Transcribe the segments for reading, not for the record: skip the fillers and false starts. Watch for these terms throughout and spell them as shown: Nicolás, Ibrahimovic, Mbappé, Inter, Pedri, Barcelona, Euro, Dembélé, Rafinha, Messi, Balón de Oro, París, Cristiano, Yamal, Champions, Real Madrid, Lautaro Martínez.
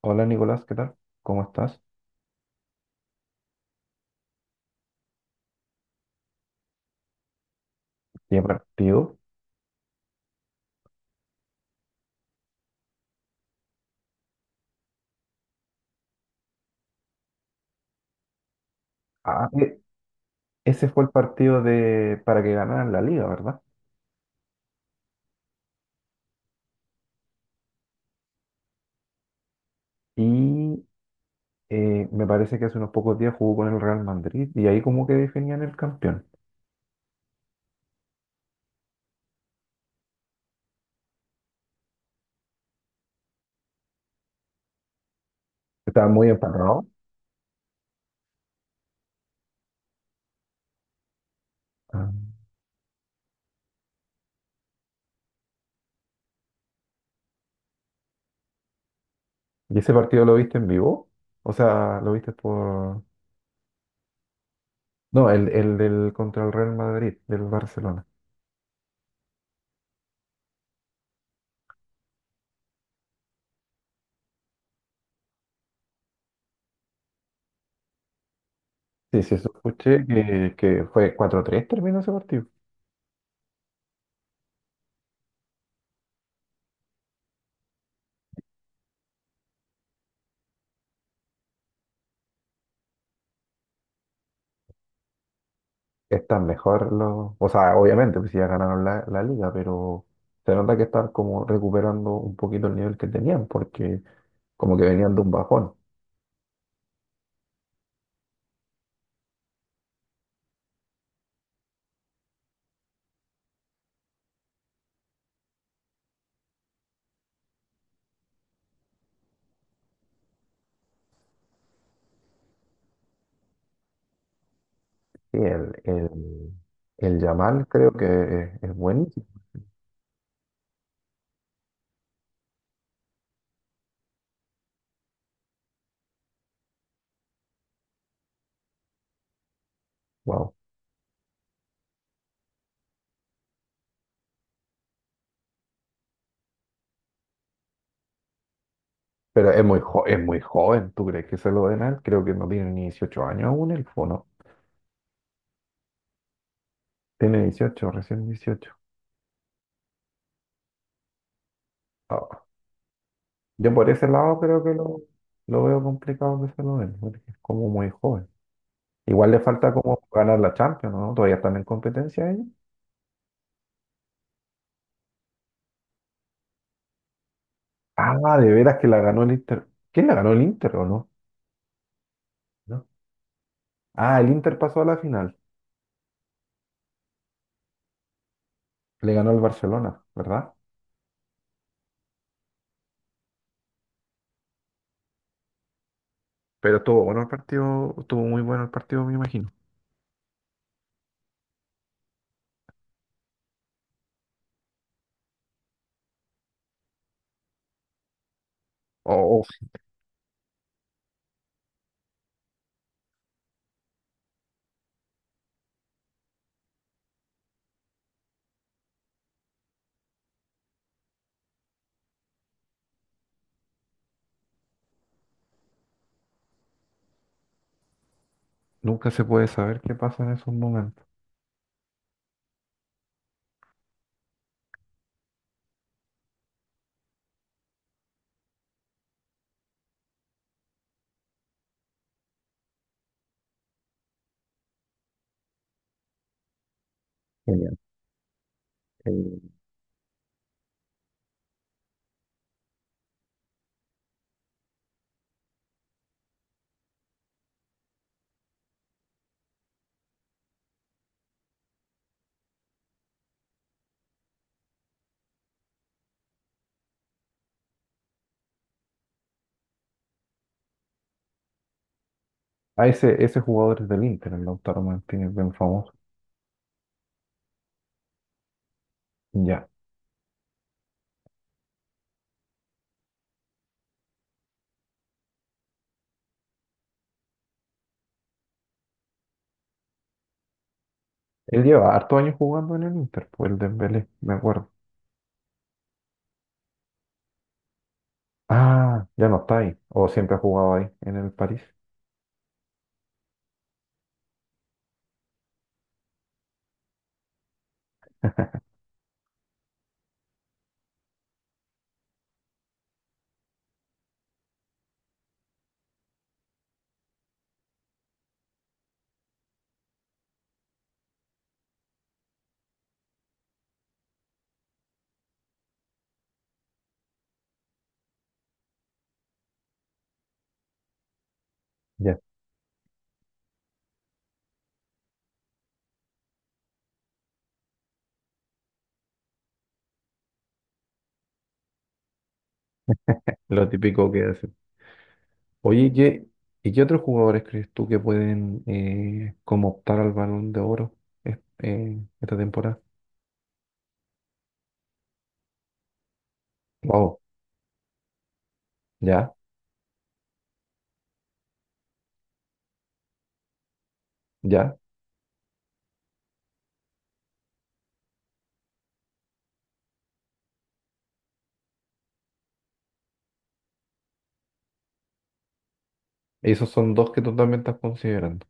Hola Nicolás, ¿qué tal? ¿Cómo estás? ¿Qué partido? Ah, e- ¿Ese fue el partido de para que ganaran la liga, ¿verdad? Y Me parece que hace unos pocos días jugó con el Real Madrid y ahí como que definían el campeón. Estaba muy emparrado. ¿Y ese partido lo viste en vivo? O sea, lo viste por... No, el del contra el Real Madrid, del Barcelona. Sí, sí, eso escuché que fue 4-3, terminó ese partido. Están mejor los, o sea, obviamente, pues si ya ganaron la liga, pero se nota que están como recuperando un poquito el nivel que tenían, porque como que venían de un bajón. Sí, el Yamal creo que es buenísimo. Wow. Pero es es muy joven, ¿tú crees que se lo den a él? Creo que no tiene ni 18 años aún el fono. Tiene 18, recién 18 Ah, yo por ese lado creo que lo veo complicado que se lo den, porque es como muy joven. Igual le falta como ganar la Champions, ¿no? Todavía están en competencia ellos. Ah, de veras que la ganó el Inter. ¿Quién la ganó, el Inter o no? ¿No? Ah, el Inter pasó a la final. Le ganó al Barcelona, ¿verdad? Pero estuvo bueno el partido, estuvo muy bueno el partido, me imagino. Oh, oh, nunca se puede saber qué pasa en esos momentos. Genial. Eh, ah, ese jugador es del Inter, el Lautaro Martínez, bien famoso. Ya. Él lleva harto años jugando en el Inter, pues el Dembélé, me acuerdo. Ah, ya no está ahí. O siempre ha jugado ahí, en el París. Ya. Lo típico que hacen. Oye, ¿y qué otros jugadores crees tú que pueden como optar al Balón de Oro esta temporada? Wow, ya, ya. Esos son dos que tú también estás considerando.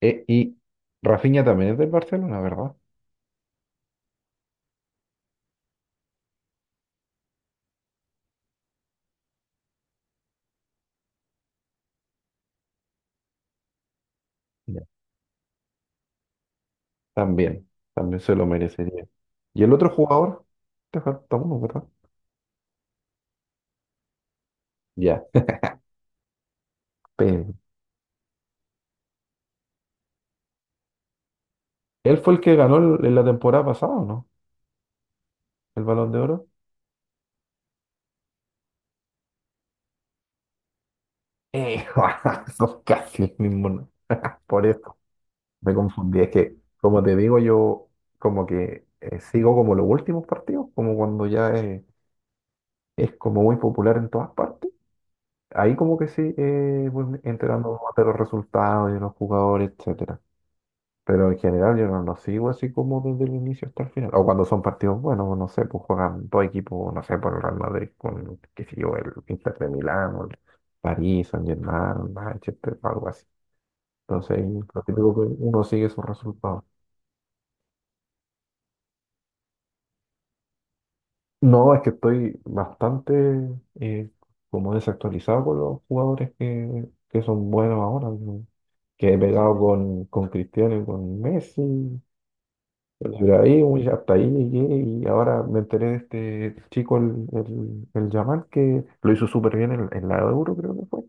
E- y Rafinha también es del Barcelona, ¿verdad? Ya. También, también se lo merecería. ¿Y el otro jugador? Te falta uno, ¿verdad? Ya, Pedri. Él fue el que ganó en la temporada pasada, ¿o no? El Balón de Oro. Eh, Son casi el mismo, ¿no? Por eso. Me confundí, es que, como te digo, yo como que sigo como los últimos partidos, como cuando ya es como muy popular en todas partes. Ahí como que sí, voy enterando más de los resultados de los jugadores, etcétera. Pero en general yo no los sigo así como desde el inicio hasta el final. O cuando son partidos buenos, no sé, pues juegan dos equipos, no sé, por el Real Madrid con, qué sé yo, el Inter de Milán, o el París, Saint-Germain, Manchester, algo así. Entonces, lo típico que uno sigue sus resultados. No, es que estoy bastante eh, como desactualizado con los jugadores que son buenos ahora, ¿no? Que he pegado con Cristiano y con Messi, con Ibrahimovic, hasta ahí llegué y ahora me enteré de este chico, el Yamal, que lo hizo súper bien en la Euro, creo que fue.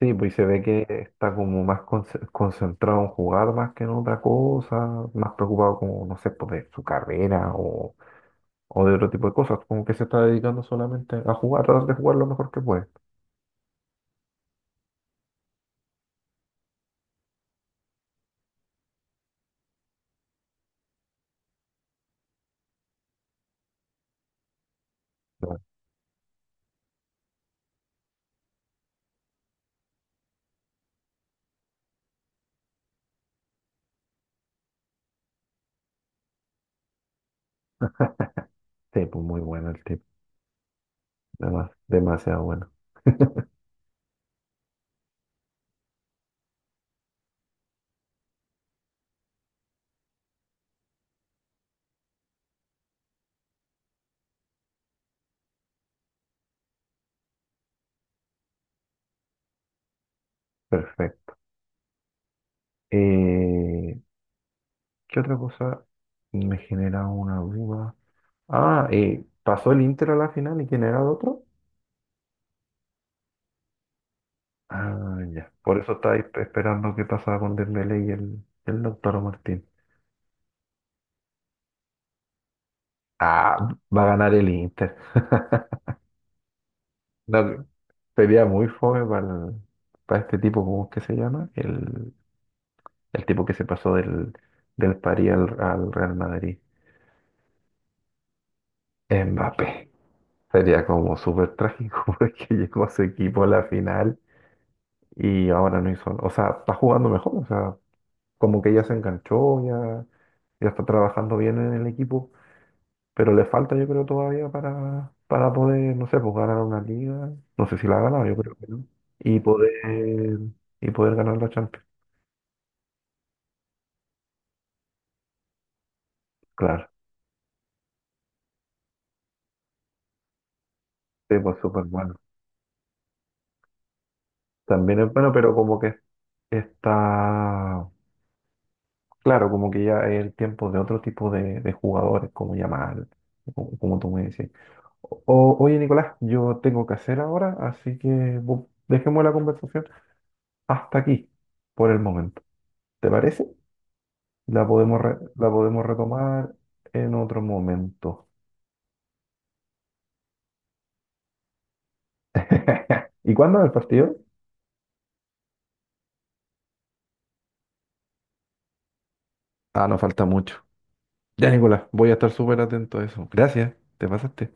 Sí, pues y se ve que está como más concentrado en jugar más que en otra cosa, más preocupado como, no sé, por de su carrera o de otro tipo de cosas, como que se está dedicando solamente a jugar, a tratar de jugar lo mejor que puede. No, sí, pues muy bueno el tipo, además, demasiado bueno. Perfecto. Eh, ¿Qué otra cosa me genera una duda? Ah, ¿pasó el Inter a la final y quién era el otro? Ah, ya. Por eso estáis esperando qué pasaba con Dembélé y el Lautaro Martín. Ah, va a ganar el Inter. No, sería muy fome para, para este tipo, ¿cómo es que se llama? El tipo que se pasó del París al, al Real Madrid. Mbappé. Sería como súper trágico porque llegó a su equipo a la final y ahora no hizo. O sea, está jugando mejor. O sea, como que ya se enganchó, ya, ya está trabajando bien en el equipo. Pero le falta, yo creo, todavía para poder, no sé, pues ganar una liga. No sé si la ha ganado, yo creo que no. Y poder, y poder ganar la Champions. Claro, sí, pues súper bueno. También es bueno, pero como que está. Claro, como que ya es el tiempo de otro tipo de jugadores, como Yamal, como tú me decís. Oye, Nicolás, yo tengo que hacer ahora, así que dejemos la conversación hasta aquí, por el momento. ¿Te parece? La podemos, la podemos retomar en otro momento. ¿Y cuándo es el partido? Ah, no falta mucho. Ya, Nicolás, voy a estar súper atento a eso. Gracias, te pasaste.